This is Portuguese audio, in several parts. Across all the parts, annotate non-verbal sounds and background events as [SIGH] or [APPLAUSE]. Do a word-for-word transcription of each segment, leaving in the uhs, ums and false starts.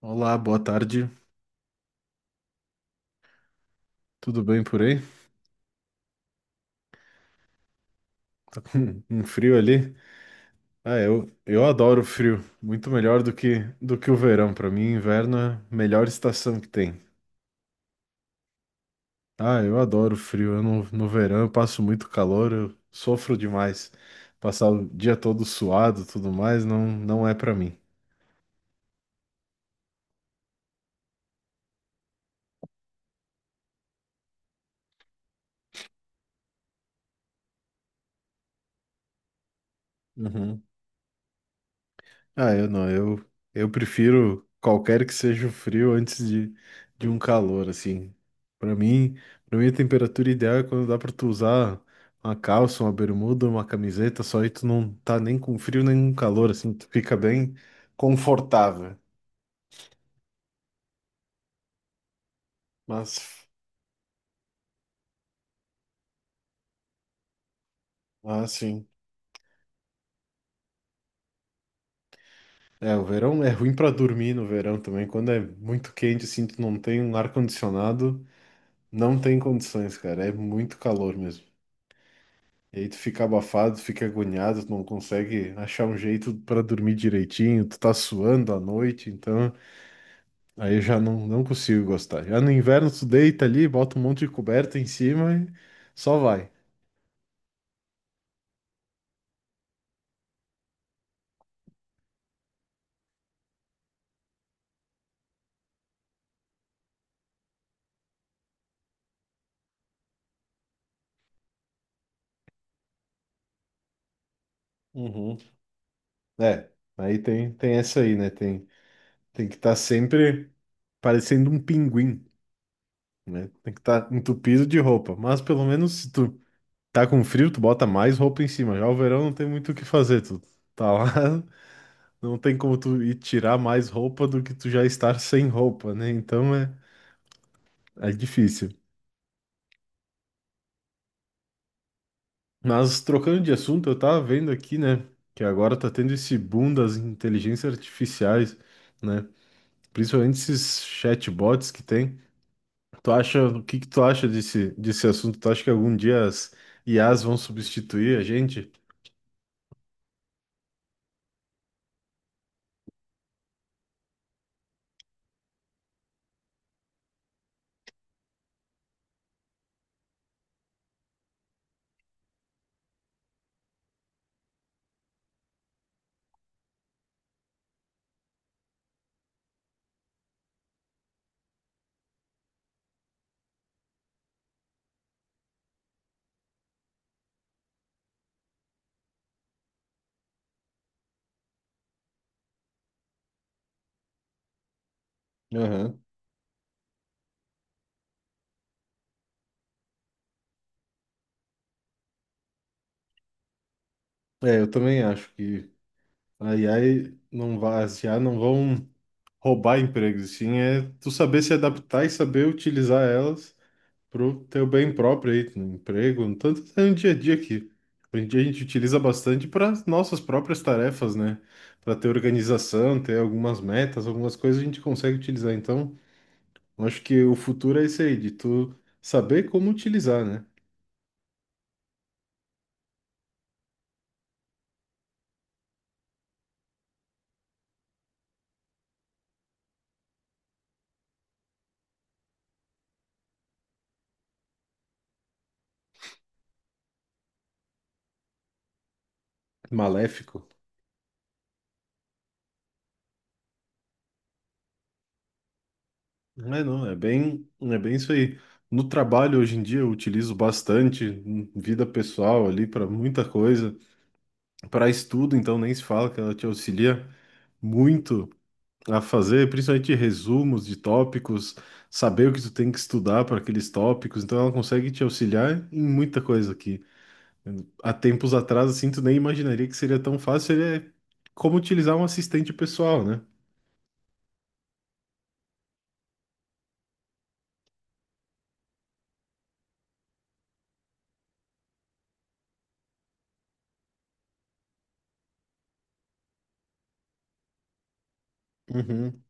Olá, boa tarde. Tudo bem por aí? [LAUGHS] Um frio ali? Ah, eu, eu adoro frio. Muito melhor do que, do que o verão. Para mim, inverno é a melhor estação que tem. Ah, eu adoro frio. Eu no, no verão eu passo muito calor, eu sofro demais. Passar o dia todo suado, tudo mais, não, não é para mim. Uhum. Ah, eu não, eu, eu prefiro qualquer que seja o frio antes de, de um calor, assim. Pra mim, para mim a temperatura ideal é quando dá pra tu usar uma calça, uma bermuda, uma camiseta, só aí tu não tá nem com frio nem com calor, assim, tu fica bem confortável. Mas, mas sim. É, o verão é ruim pra dormir no verão também. Quando é muito quente, assim, tu não tem um ar-condicionado, não tem condições, cara. É muito calor mesmo. E aí tu fica abafado, fica agoniado, tu não consegue achar um jeito pra dormir direitinho, tu tá suando à noite, então aí eu já não, não consigo gostar. Já no inverno tu deita ali, bota um monte de coberta em cima e só vai. Uhum. É, aí tem, tem essa aí, né? Tem, tem que estar sempre parecendo um pinguim, né? Tem que estar entupido de roupa, mas pelo menos se tu tá com frio, tu bota mais roupa em cima. Já o verão não tem muito o que fazer, tu tá lá. [LAUGHS] Não tem como tu ir tirar mais roupa do que tu já estar sem roupa, né? Então é, é difícil. Mas trocando de assunto, eu tava vendo aqui, né? Que agora tá tendo esse boom das inteligências artificiais, né? Principalmente esses chatbots que tem. Tu acha, o que que tu acha desse, desse assunto? Tu acha que algum dia as I As vão substituir a gente? Aham. É, eu também acho que a I A não vai, as I A não vão roubar empregos, sim é tu saber se adaptar e saber utilizar elas pro teu bem próprio aí, no emprego, no tanto até no dia a dia aqui. Hoje em dia a gente utiliza bastante para nossas próprias tarefas, né? Para ter organização, ter algumas metas, algumas coisas a gente consegue utilizar. Então, eu acho que o futuro é isso aí, de tu saber como utilizar, né? Maléfico. Não é não, é bem, é bem isso aí. No trabalho hoje em dia eu utilizo bastante, em vida pessoal ali para muita coisa. Para estudo, então, nem se fala que ela te auxilia muito a fazer, principalmente resumos de tópicos, saber o que tu tem que estudar para aqueles tópicos. Então, ela consegue te auxiliar em muita coisa aqui. Há tempos atrás, assim, tu nem imaginaria que seria tão fácil. Ele é como utilizar um assistente pessoal, né? Uhum.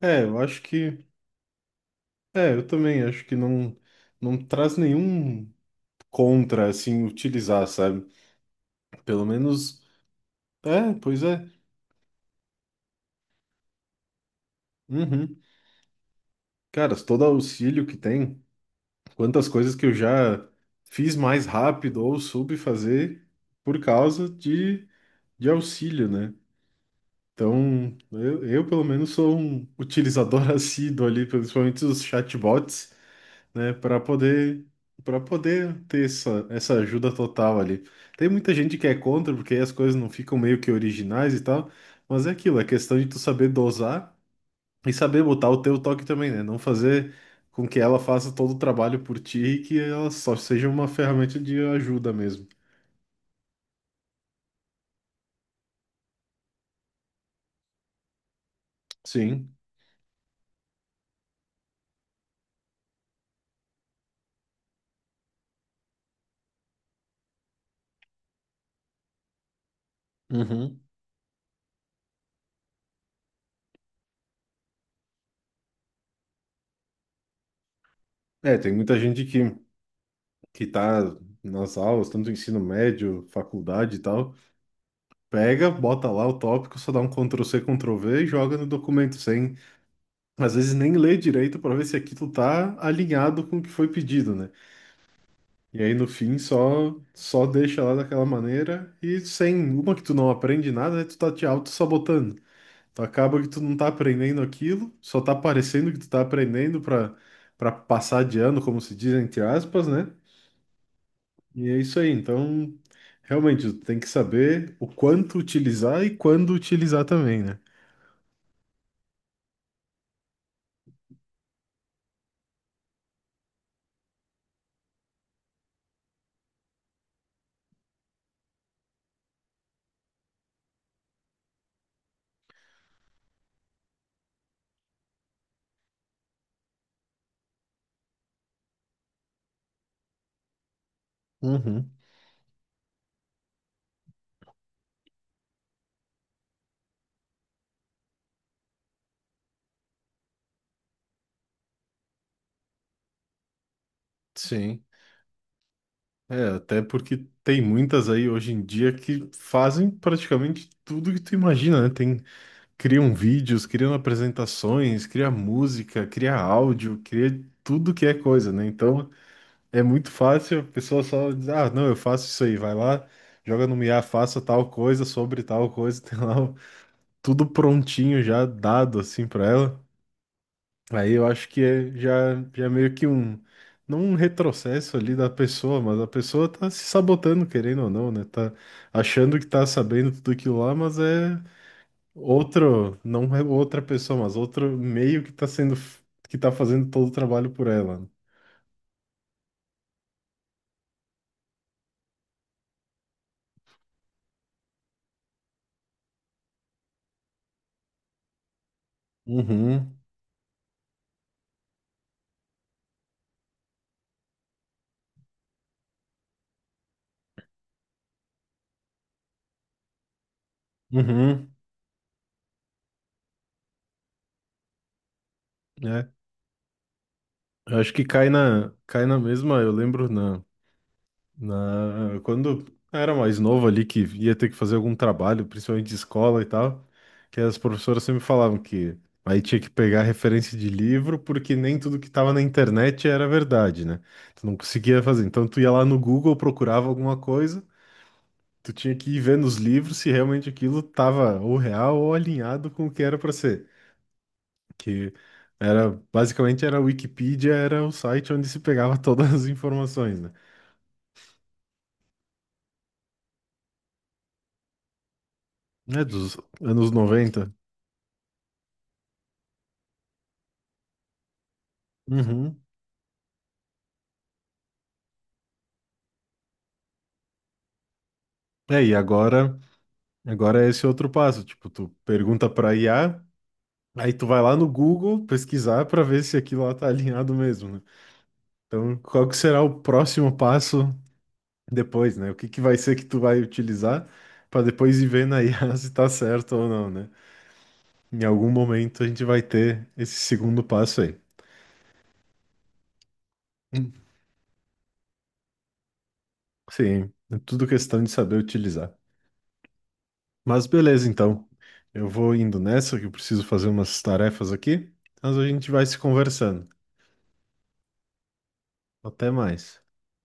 É, eu acho que. É, eu também acho que não, não traz nenhum contra, assim, utilizar, sabe? Pelo menos. É, pois é. Uhum. Cara, todo auxílio que tem, quantas coisas que eu já fiz mais rápido ou soube fazer por causa de, de auxílio, né? Então, eu, eu, pelo menos sou um utilizador [LAUGHS] assíduo ali, principalmente os chatbots, né, para poder para poder ter essa, essa ajuda total ali. Tem muita gente que é contra, porque aí as coisas não ficam meio que originais e tal, mas é aquilo, é questão de tu saber dosar e saber botar o teu toque também, né? Não fazer com que ela faça todo o trabalho por ti e que ela só seja uma ferramenta de ajuda mesmo. Sim. Uhum. É, tem muita gente que, que tá nas aulas, tanto ensino médio, faculdade e tal, pega, bota lá o tópico, só dá um ctrl control C, control V e joga no documento, sem, às vezes, nem ler direito para ver se aquilo tá alinhado com o que foi pedido, né? E aí no fim só só deixa lá daquela maneira e sem uma que tu não aprende nada, né, tu tá te auto-sabotando. Tu acaba que tu não tá aprendendo aquilo, só tá parecendo que tu tá aprendendo pra para passar de ano, como se diz entre aspas, né? E é isso aí. Então, realmente tu tem que saber o quanto utilizar e quando utilizar também, né? Uhum, sim. É, até porque tem muitas aí hoje em dia que fazem praticamente tudo que tu imagina, né? Tem criam vídeos, criam apresentações, cria música, cria áudio, cria tudo que é coisa, né? Então é muito fácil a pessoa só dizer ah, não, eu faço isso aí, vai lá, joga no I A, faça tal coisa sobre tal coisa, [LAUGHS] tem lá o- tudo prontinho já dado assim para ela. Aí eu acho que é, já, já é meio que um, não um retrocesso ali da pessoa, mas a pessoa tá se sabotando, querendo ou não, né? Tá achando que tá sabendo tudo aquilo lá, mas é Outro, não é outra pessoa, mas outro meio que tá sendo, que tá fazendo todo o trabalho por ela. Uhum, uhum, né? Eu acho que cai na, cai na mesma, eu lembro na, na, quando eu era mais novo ali, que ia ter que fazer algum trabalho, principalmente de escola e tal, que as professoras sempre falavam que aí tinha que pegar referência de livro, porque nem tudo que tava na internet era verdade, né? Tu não conseguia fazer. Então tu ia lá no Google, procurava alguma coisa, tu tinha que ir ver nos livros se realmente aquilo tava ou real ou alinhado com o que era para ser. Que era basicamente era a Wikipedia, era o site onde se pegava [LAUGHS] todas as informações, né? É dos anos noventa. Uhum. É, e agora, agora é esse outro passo, tipo, tu pergunta para I A, aí tu vai lá no Google pesquisar para ver se aquilo lá tá alinhado mesmo, né? Então, qual que será o próximo passo depois, né? O que que vai ser que tu vai utilizar para depois ir vendo aí [LAUGHS] se tá certo ou não, né? Em algum momento a gente vai ter esse segundo passo aí. Hum. Sim, é tudo questão de saber utilizar. Mas beleza, então. Eu vou indo nessa, que eu preciso fazer umas tarefas aqui, mas a gente vai se conversando. Até mais.